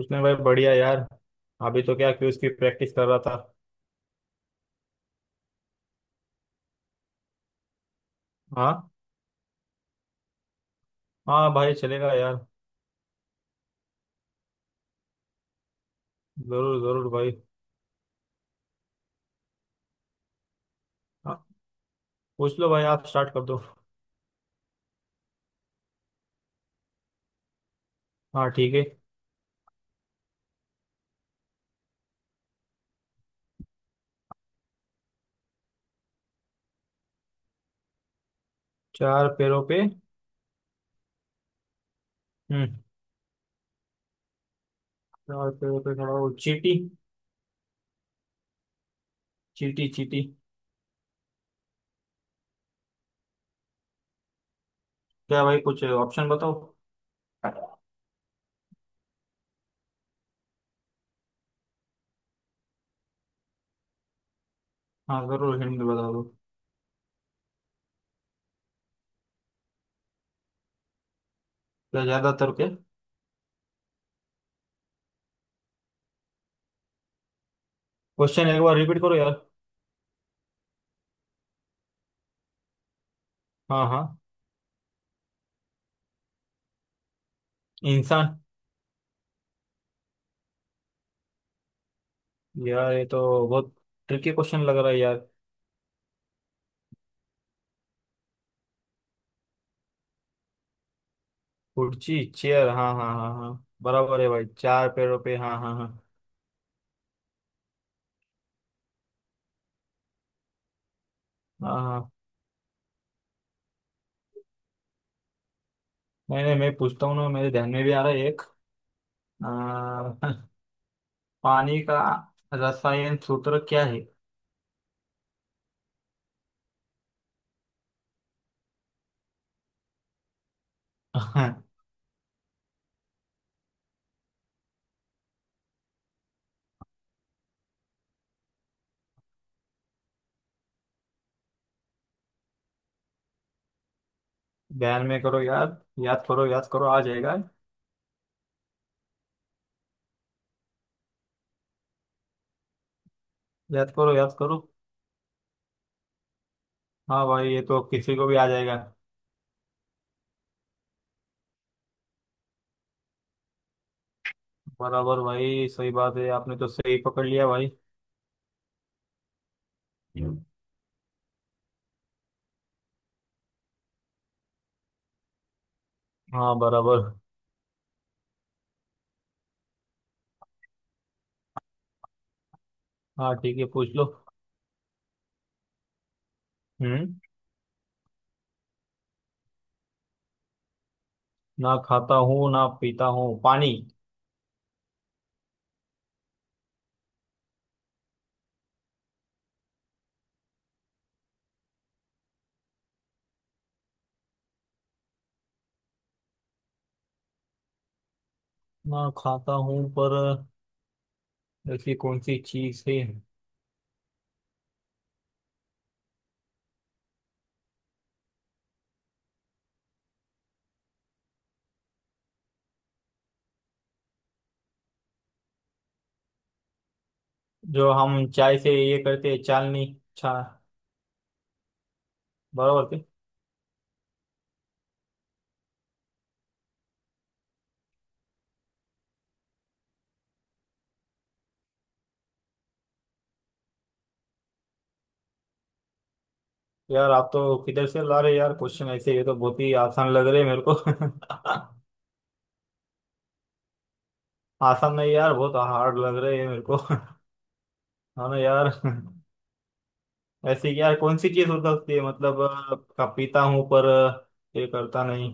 उसने भाई बढ़िया यार। अभी तो क्या क्विज की प्रैक्टिस कर रहा था। हाँ। हाँ भाई चलेगा यार। जरूर जरूर भाई। हाँ पूछ लो भाई आप स्टार्ट कर दो। हाँ ठीक है। चार पैरों पे। हम्म। चार पैरों पे खड़ा हो चींटी चींटी चींटी। क्या भाई कुछ ऑप्शन बताओ। हाँ जरूर हिंट बता दो। क्या ज्यादातर के। क्वेश्चन एक बार रिपीट करो यार। हाँ हाँ। इंसान। यार ये तो बहुत ट्रिकी क्वेश्चन लग रहा है यार। कुर्सी चेयर हाँ हाँ हाँ हाँ बराबर है भाई चार पैरों पे हाँ हाँ हाँ। हाँ। नहीं नहीं मैं पूछता हूँ ना मेरे ध्यान में भी आ रहा है एक। आ, पानी का रसायन सूत्र क्या है। ध्यान में करो याद याद करो आ जाएगा। याद करो याद करो। हाँ भाई ये तो किसी को भी आ जाएगा। बराबर भाई सही बात है आपने तो सही पकड़ लिया भाई। हम्म। हाँ बराबर। हाँ ठीक है पूछ लो। हम्म ना खाता हूँ ना पीता हूँ पानी। ना खाता हूँ पर। ऐसी कौन सी चीज है। जो हम चाय से ये करते हैं चालनी। चा। बराबर थे। यार आप तो किधर से ला रहे यार क्वेश्चन ऐसे ये तो बहुत ही आसान लग रहे हैं मेरे को। आसान नहीं यार बहुत हार्ड लग रहे हैं मेरे को। है ना यार। ऐसे यार कौन सी चीज हो सकती है मतलब का पीता हूँ पर ये करता नहीं।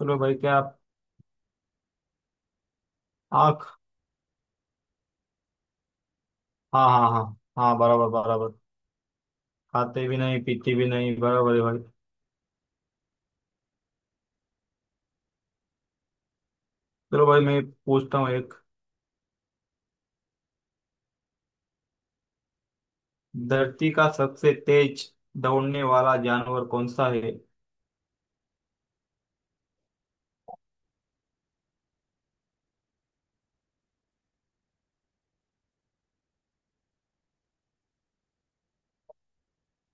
चलो भाई क्या आप। आँख। हाँ हाँ हाँ। हाँ बराबर बराबर। खाते भी नहीं पीते भी नहीं बराबर है भाई। चलो भाई मैं पूछता हूँ एक। धरती का सबसे तेज दौड़ने वाला जानवर कौन सा है।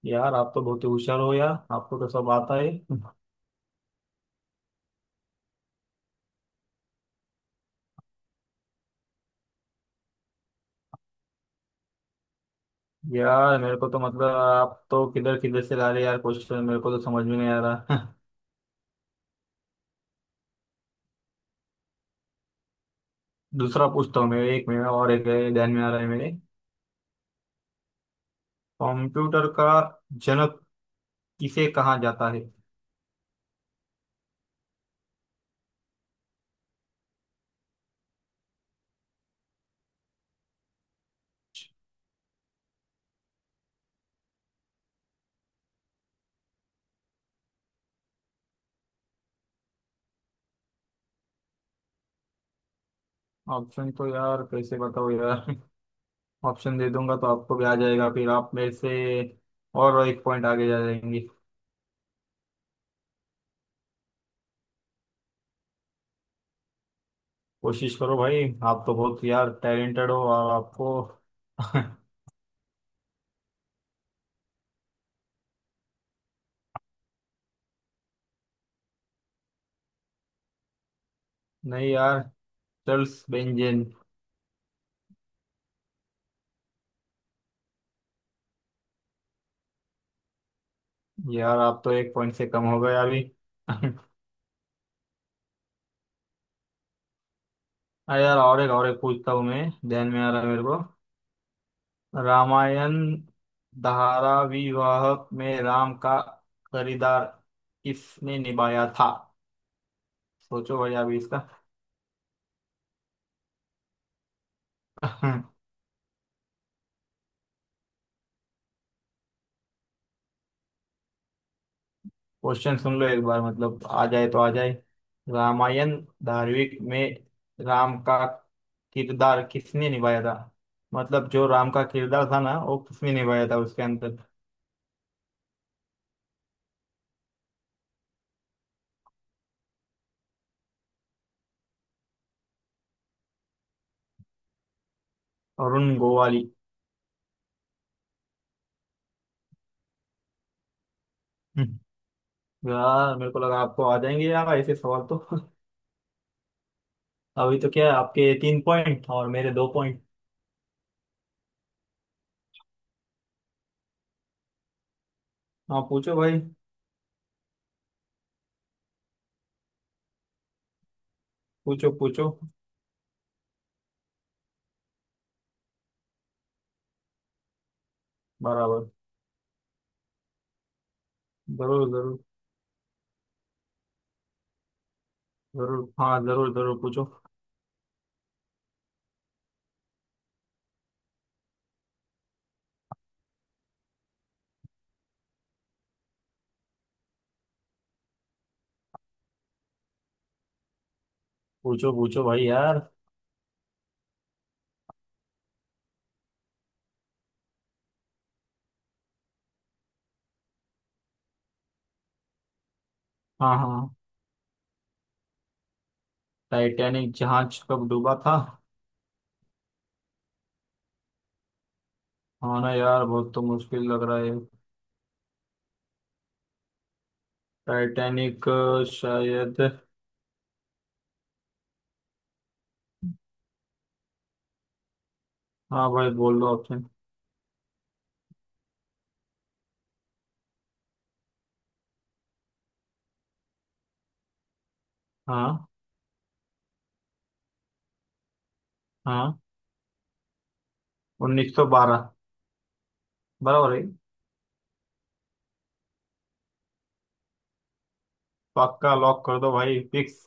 यार आप तो बहुत ही होशियार हो यार आपको तो सब आता है। यार मेरे को तो मतलब आप तो किधर किधर से ला रहे यार क्वेश्चन मेरे को तो समझ में नहीं आ रहा। दूसरा पूछता हूँ मैं एक मेरा और एक है, ध्यान में आ रहा है मेरे। कंप्यूटर का जनक किसे कहा जाता है। ऑप्शन तो यार कैसे बताओ यार। ऑप्शन दे दूंगा तो आपको भी आ जाएगा फिर आप मेरे से। और एक पॉइंट आगे जा जाएंगे। कोशिश करो भाई। आप तो बहुत यार टैलेंटेड हो और आपको। नहीं यार। Charles benzene. यार आप तो एक पॉइंट से कम हो गए अभी। अरे यार और एक पूछता हूँ मैं। ध्यान में आ रहा है मेरे को। रामायण धाराविवाहक में राम का किरदार किसने निभाया था। सोचो भाई अभी इसका। क्वेश्चन सुन लो एक बार मतलब आ जाए तो आ जाए। रामायण। धारावाहिक में राम का किरदार किसने निभाया था। मतलब जो राम का किरदार था ना वो किसने निभाया था उसके अंदर। अरुण गोवाली। यार मेरे को लगा आपको आ जाएंगे यार ऐसे सवाल तो। अभी तो क्या है आपके तीन पॉइंट और मेरे दो पॉइंट। हाँ पूछो भाई। पूछो पूछो। बराबर। जरूर जरूर जरूर हाँ जरूर जरूर पूछो। पूछो पूछो भाई यार। हाँ हाँ। टाइटैनिक जहाज कब डूबा था। हाँ ना यार बहुत तो मुश्किल लग रहा है। टाइटैनिक शायद। हाँ भाई बोल दो ऑप्शन। हाँ। हाँ। 1912 बराबर है। पक्का लॉक कर दो भाई फिक्स।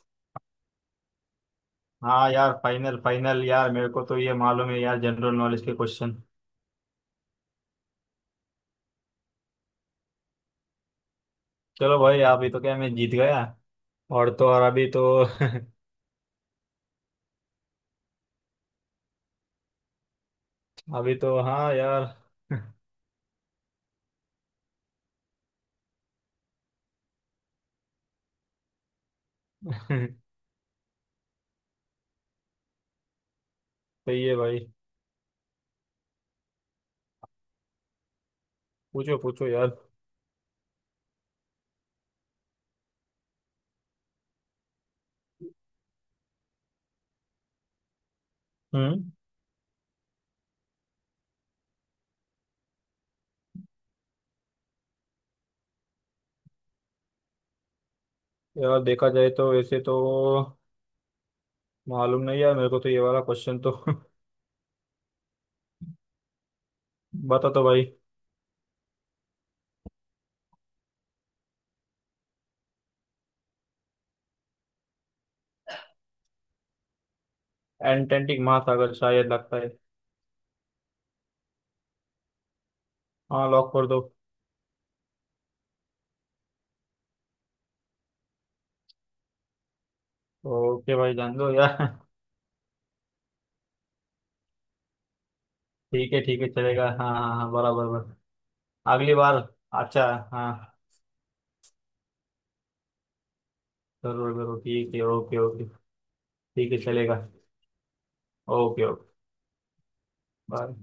हाँ यार फाइनल फाइनल यार मेरे को तो ये मालूम है यार जनरल नॉलेज के क्वेश्चन। चलो भाई अभी तो क्या मैं जीत गया। और तो और अभी तो। अभी तो हाँ यार। सही है भाई। पूछो पूछो यार। हम्म। यार देखा जाए तो वैसे तो। मालूम नहीं यार मेरे को तो ये वाला क्वेश्चन तो। बता तो भाई। एटलांटिक महासागर शायद लगता है। हाँ लॉक कर दो। ओके भाई जान दो यार। ठीक है चलेगा हाँ हाँ हाँ बराबर बराबर। अगली बार। अच्छा। हाँ। करो करो ठीक है ओके ओके। ठीक है चलेगा। Okay okay bye.